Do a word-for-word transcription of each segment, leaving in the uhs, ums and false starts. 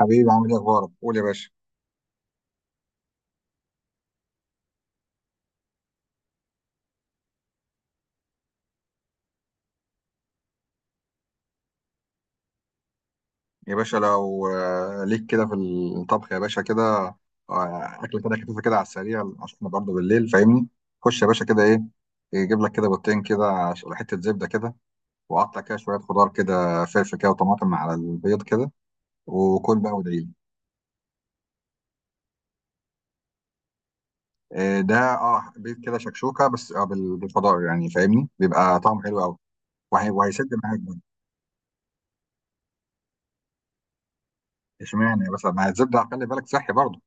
حبيبي عامل ايه اخبارك؟ قول يا باشا. يا باشا لو آه، ليك كده في الطبخ يا باشا كده. آه، اكله كده خفيفه كده على السريع عشان احنا برضه بالليل، فاهمني؟ خش يا باشا كده ايه، يجيب لك كده بيضتين كده، عش- حته زبده كده، وقطع كده شويه خضار كده، فلفل كده وطماطم على البيض كده، وكل بقى وادعي لي. آه، ده اه بيض كده شكشوكه، بس آه، بال- بالخضار يعني، فاهمني؟ بيبقى طعمه حلو قوي، وهي- وهيسد معاك برضه. اشمعنى بس مع الزبده، خلي بالك صحي برضه.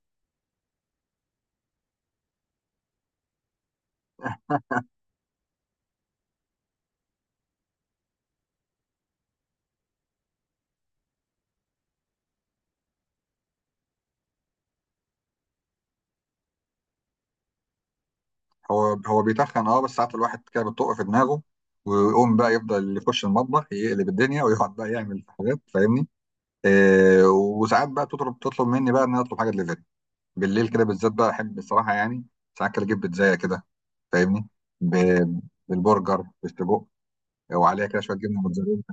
هو هو بيتخن اه، بس ساعات الواحد كده بتطق في دماغه، ويقوم بقى يفضل يخش المطبخ، يقلب الدنيا ويقعد بقى يعمل حاجات، فاهمني؟ آه، وساعات بقى تطلب تطلب مني بقى ان انا اطلب حاجه دليفري بالليل كده بالذات، بقى احب الصراحه يعني. ساعات كده اجيب بيتزايه كده، فاهمني؟ ب- بالبرجر، بالسجق، وعليها كده شويه جبنه موتزاريلا.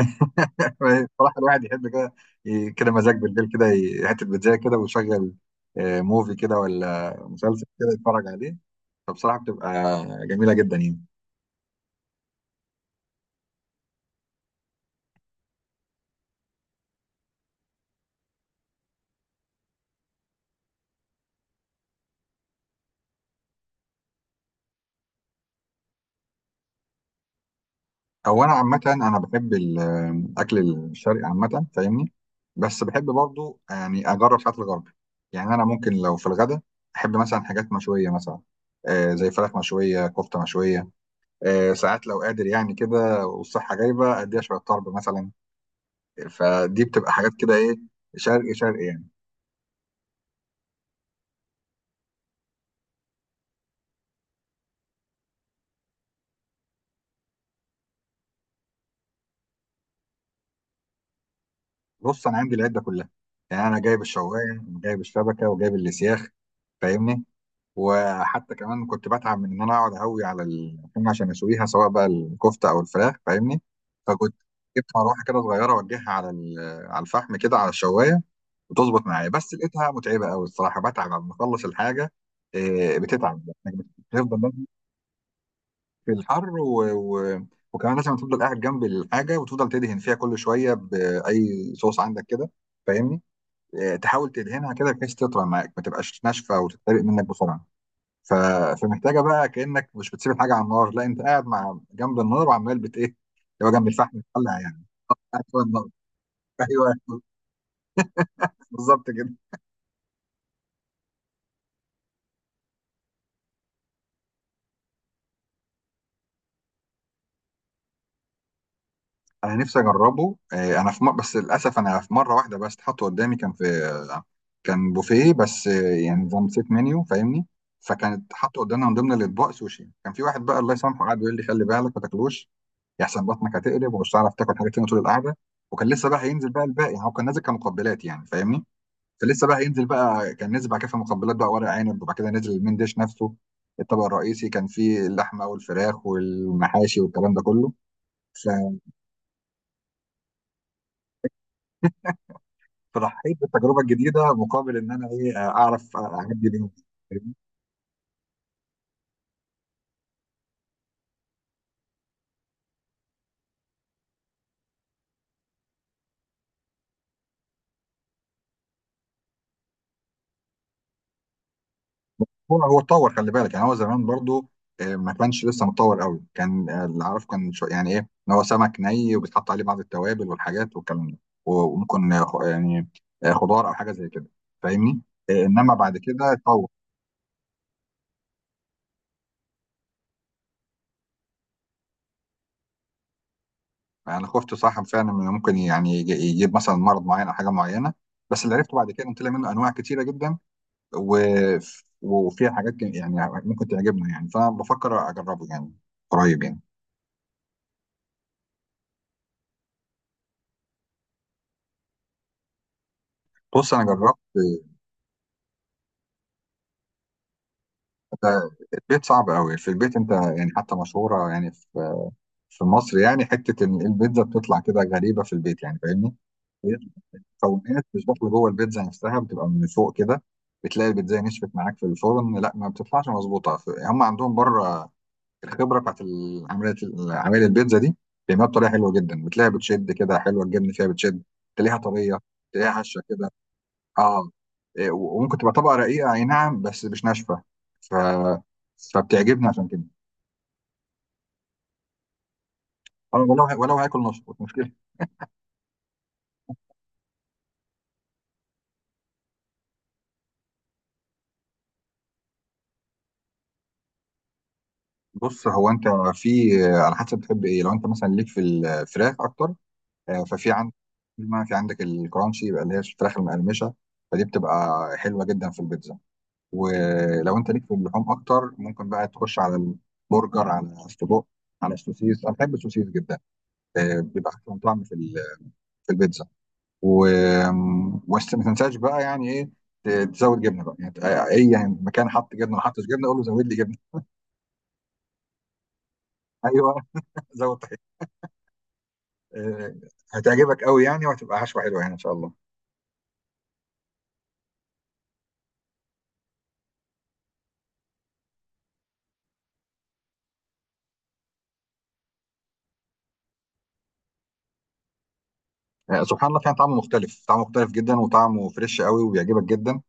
صراحة الواحد يحب كده، ي- كده مزاج بالليل كده، ي- حتة بيتزا كده، ويشغل آه، موفي كده ولا مسلسل كده يتفرج عليه. فبصراحة بتبقى جميلة جدا يعني. هو انا عامه انا بحب الاكل الشرقي عامه، فاهمني؟ بس بحب برضو يعني اجرب ساعات الغربي. يعني انا ممكن لو في الغدا احب مثلا حاجات مشويه مثلا، آه زي فراخ مشويه، كفته مشويه. آه ساعات لو قادر يعني كده والصحه جايبه، اديها شويه طرب مثلا. فدي بتبقى حاجات كده ايه، شرقي شرقي يعني. بص، انا عندي العده كلها. يعني انا جايب الشوايه وجايب الشبكه وجايب الاسياخ، فاهمني؟ وحتى كمان كنت بتعب من ان انا اقعد اهوي على اللحوم عشان اسويها، سواء بقى الكفته او الفراخ، فاهمني؟ فكنت جبت مروحه كده صغيره، اوجهها على ال- على الفحم كده، على الشوايه، وتظبط معايا. بس لقيتها متعبه قوي الصراحه، بتعب لما اخلص الحاجه. إيه، بتتعب انك بتفضل لازم في الحر و... و... وكمان لازم تفضل قاعد جنب الحاجه، وتفضل تدهن فيها كل شويه باي صوص عندك كده، فاهمني؟ إيه، تحاول تدهنها كده بحيث تطرى معاك، ما تبقاش ناشفه وتتحرق منك بسرعه. ف... فمحتاجه بقى كانك مش بتسيب الحاجه على النار، لا انت قاعد مع جنب النار، وعمال بت ايه اللي هو جنب الفحم بتطلع يعني. قاعد فوق النار ايوه بالظبط كده. انا نفسي اجربه. آه، انا في م... بس للاسف انا في مره واحده بس اتحط قدامي، كان في آه، كان بوفيه بس، آه، يعني نظام سيت منيو، فاهمني؟ فكانت حاطه قدامنا من ضمن الاطباق سوشي. كان في واحد بقى الله يسامحه قعد يقول لي خلي بالك ما تاكلوش، يحسن بطنك هتقلب ومش هتعرف تاكل حاجه تانيه طول القعده، وكان لسه بقى هينزل بقى الباقي يعني. هو كان نازل كمقبلات يعني، فاهمني؟ فلسه بقى هينزل بقى. كان نزل بعد كده في مقبلات بقى ورق عنب، وبعد كده نزل المين ديش نفسه، الطبق الرئيسي، كان فيه اللحمه والفراخ والمحاشي والكلام ده كله. ف- فرحيت بالتجربه الجديده مقابل ان انا ايه، اعرف اعدي بيهم. هو هو اتطور خلي بالك، يعني هو زمان برضو آه، ما كانش لسه متطور قوي. كان آه، اللي اعرفه كان شو، يعني ايه؟ ان هو سمك ني، وبيتحط عليه بعض التوابل والحاجات والكلام ده، وممكن آه، خ- يعني آه، خضار او حاجه زي كده، فاهمني؟ آه، انما بعد كده اتطور. انا خفت صاحب فعلا انه ممكن يعني يج- يجيب مثلا مرض معين او حاجه معينه، بس اللي عرفته بعد كده ان طلع منه انواع كتيره جدا، و... وفيها حاجات ك- يعني ممكن تعجبنا يعني، فانا بفكر اجربه يعني قريب يعني. بص انا جربت ده- البيت صعب قوي. في البيت انت يعني حتى مشهوره يعني في في مصر، يعني حته ان البيتزا بتطلع كده غريبه في البيت، يعني فاهمني؟ هي المكونات مش داخله جوه البيتزا نفسها، بتبقى من فوق كده. بتلاقي البيتزا نشفت معاك في الفرن، لا ما بتطلعش مظبوطه. ف- هم عندهم بره الخبره بتاعت العمليه، عمليه البيتزا دي، بيعملها بطريقه حلوه جدا. بتلاقيها بتشد كده، حلوه الجبن فيها بتشد، تلاقيها طريه، تلاقيها هشه كده. اه إيه، و- وممكن تبقى طبقه رقيقه، اي نعم، بس مش ناشفه. ف فبتعجبني عشان كده. انا ولو ولو هاكل نص مش مشكله. بص هو انت في على حسب بتحب ايه. لو انت مثلا ليك في الفراخ اكتر، آه، ففي عندك في عندك الكرانشي، يبقى اللي هي الفراخ المقرمشه، فدي بتبقى حلوه جدا في البيتزا. ولو انت ليك في اللحوم اكتر، ممكن بقى تخش على البرجر، على السجق، على السوسيس. انا بحب السوسيس جدا، آه، بيبقى احسن طعم في ال- في البيتزا. و بس ما تنساش بقى يعني ايه، ت- تزود جبنه بقى يعني، ت- اي يعني مكان حط جبنه ولا حطش جبنه، قول له زود لي جبنه. ايوه زود طحينه. آه، هتعجبك قوي يعني، وهتبقى حشوه حلوه يعني ان شاء الله. آه، سبحان الله، فيها طعم مختلف، طعم مختلف جدا، وطعمه فريش قوي وبيعجبك جدا.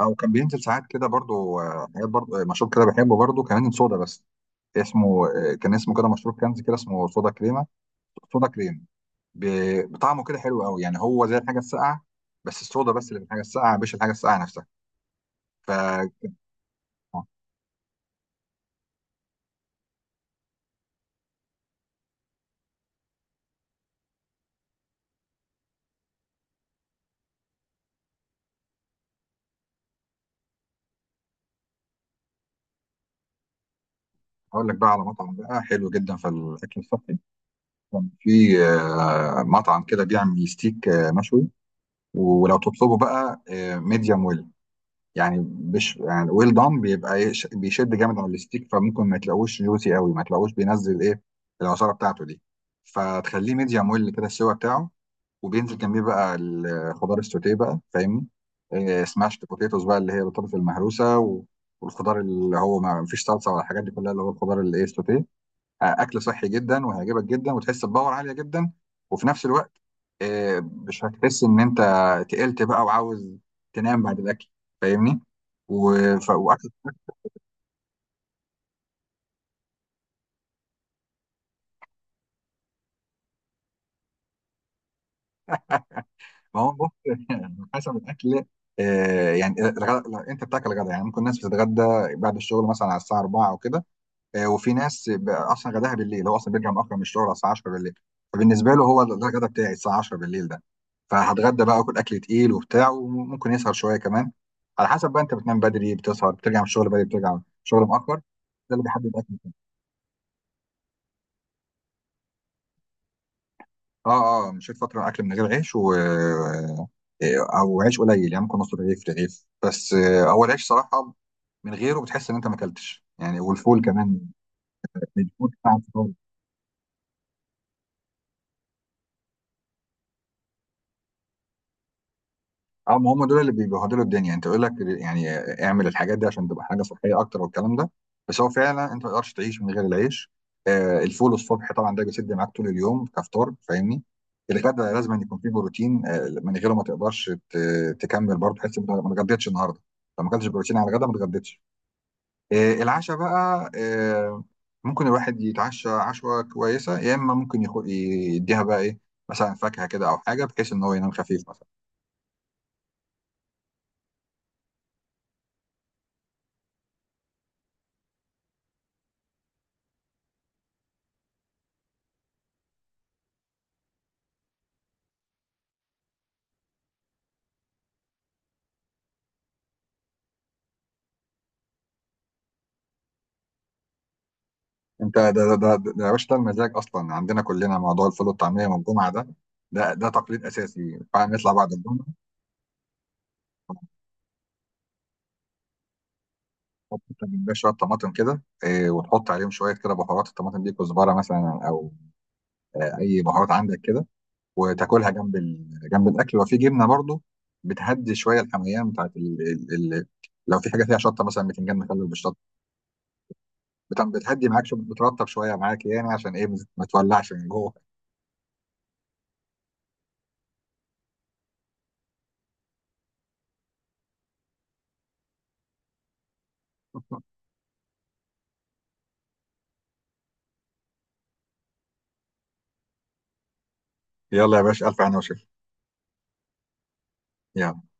او كان بينزل ساعات كده برضو آه، حاجات برضو، آه، مشروب كده بحبه برضو كمان، صودا، بس اسمه آه، كان اسمه كده، مشروب كنز كده اسمه، صودا كريمه، صودا كريم. ب- بطعمه كده حلو قوي، يعني هو زي الحاجه الساقعه، بس الصودا بس اللي في الحاجه الساقعه، مش الحاجه الساقعه نفسها. ف هقول لك بقى على مطعم بقى حلو جدا في الاكل الصحي. كان في آه، مطعم كده بيعمل ستيك آه، مشوي، ولو تطلبه بقى ميديوم ويل يعني، مش يعني ويل دان. بيبقى يش- بيشد جامد على الستيك، فممكن ما تلاقوش جوسي قوي، ما تلاقوش بينزل ايه، العصاره بتاعته دي. فتخليه ميديوم ويل كده السوا بتاعه، وبينزل جنبيه بقى الخضار السوتيه بقى، فاهمني؟ إيه، سماشت بوتيتوز بقى، اللي هي البطاطس المهروسه، و- والخضار اللي هو ما فيش صلصه ولا الحاجات دي كلها، اللي هو الخضار اللي ايه السوتيه. اكل صحي جدا، وهيعجبك جدا، وتحس بباور عاليه جدا. وفي نفس الوقت آه، مش هتحس ان انت تقلت بقى، وعاوز تنام بعد الاكل، فاهمني؟ وف... واكل. ما هو بص حسب الاكل. آه، يعني الغ... لو انت بتاكل غدا، يعني ممكن ناس بتتغدى بعد الشغل مثلا على الساعه أربعة او كده، آه، وفي ناس بقى اصلا غداها بالليل، هو اصلا بيرجع مؤخر من الشغل على الساعه عشرة بالليل. فبالنسبه له هو ده الغدا بتاعي، الساعه عشرة بالليل ده. فهتغدى بقى واكل اكل تقيل وبتاع، وممكن يسهر شويه كمان. على حسب بقى انت بتنام بدري، بتسهر، بترجع من الشغل بدري، بترجع من الشغل مؤخر، ده اللي بيحدد الاكل بتاعك. اه اه مشيت فتره اكل من غير عيش و آه، او عيش قليل، يعني ممكن نص رغيف، رغيف بس. آه، هو العيش صراحه من غيره بتحس ان انت ما اكلتش يعني، والفول كمان، الفول بتاع الفطار. اه ما هم دول اللي بيبهدلوا الدنيا، انت يقول لك يعني اعمل الحاجات دي عشان تبقى حاجه صحيه اكتر والكلام ده، بس هو فعلا انت ما تقدرش تعيش من غير العيش. آه الفول الصبح طبعا ده بيسد معاك طول اليوم كفطار، فاهمني؟ الغداء لازم أن يكون فيه بروتين، آه من غيره ما تقدرش ت- تكمل برضه، تحس إن أنت ما اتغديتش النهارده. لو ما اكلتش بروتين على الغداء، ما اتغديتش. آه العشاء بقى آه، ممكن الواحد يتعشى عشوه كويسه، يا اما ممكن يخو- يديها بقى ايه، مثلا فاكهه كده او حاجه، بحيث ان هو ينام خفيف مثلا. انت ده ده ده ده يا باشا، ده المزاج اصلا عندنا كلنا. موضوع الفول والطعميه والجمعه ده، ده ده تقليد اساسي فعلا نطلع بعد الجمعه. تحط انت بتبقى شويه طماطم كده إيه، وتحط عليهم شويه كده بهارات، الطماطم دي كزبره مثلا او آه، اي بهارات عندك كده، وتاكلها جنب ال... جنب الاكل، وفي جبنه برضو. بتهدي شويه الحميان بتاعت ال... ال... ال... لو في حاجه فيها شطه مثلا، بتنجان مخلل بالشطه، بت- بتهدي معاك شو... بترطب شويه معاك، يعني عشان ايه، ما تولعش من جوه. يلا يا باشا، الف هنا وشفا. يلا.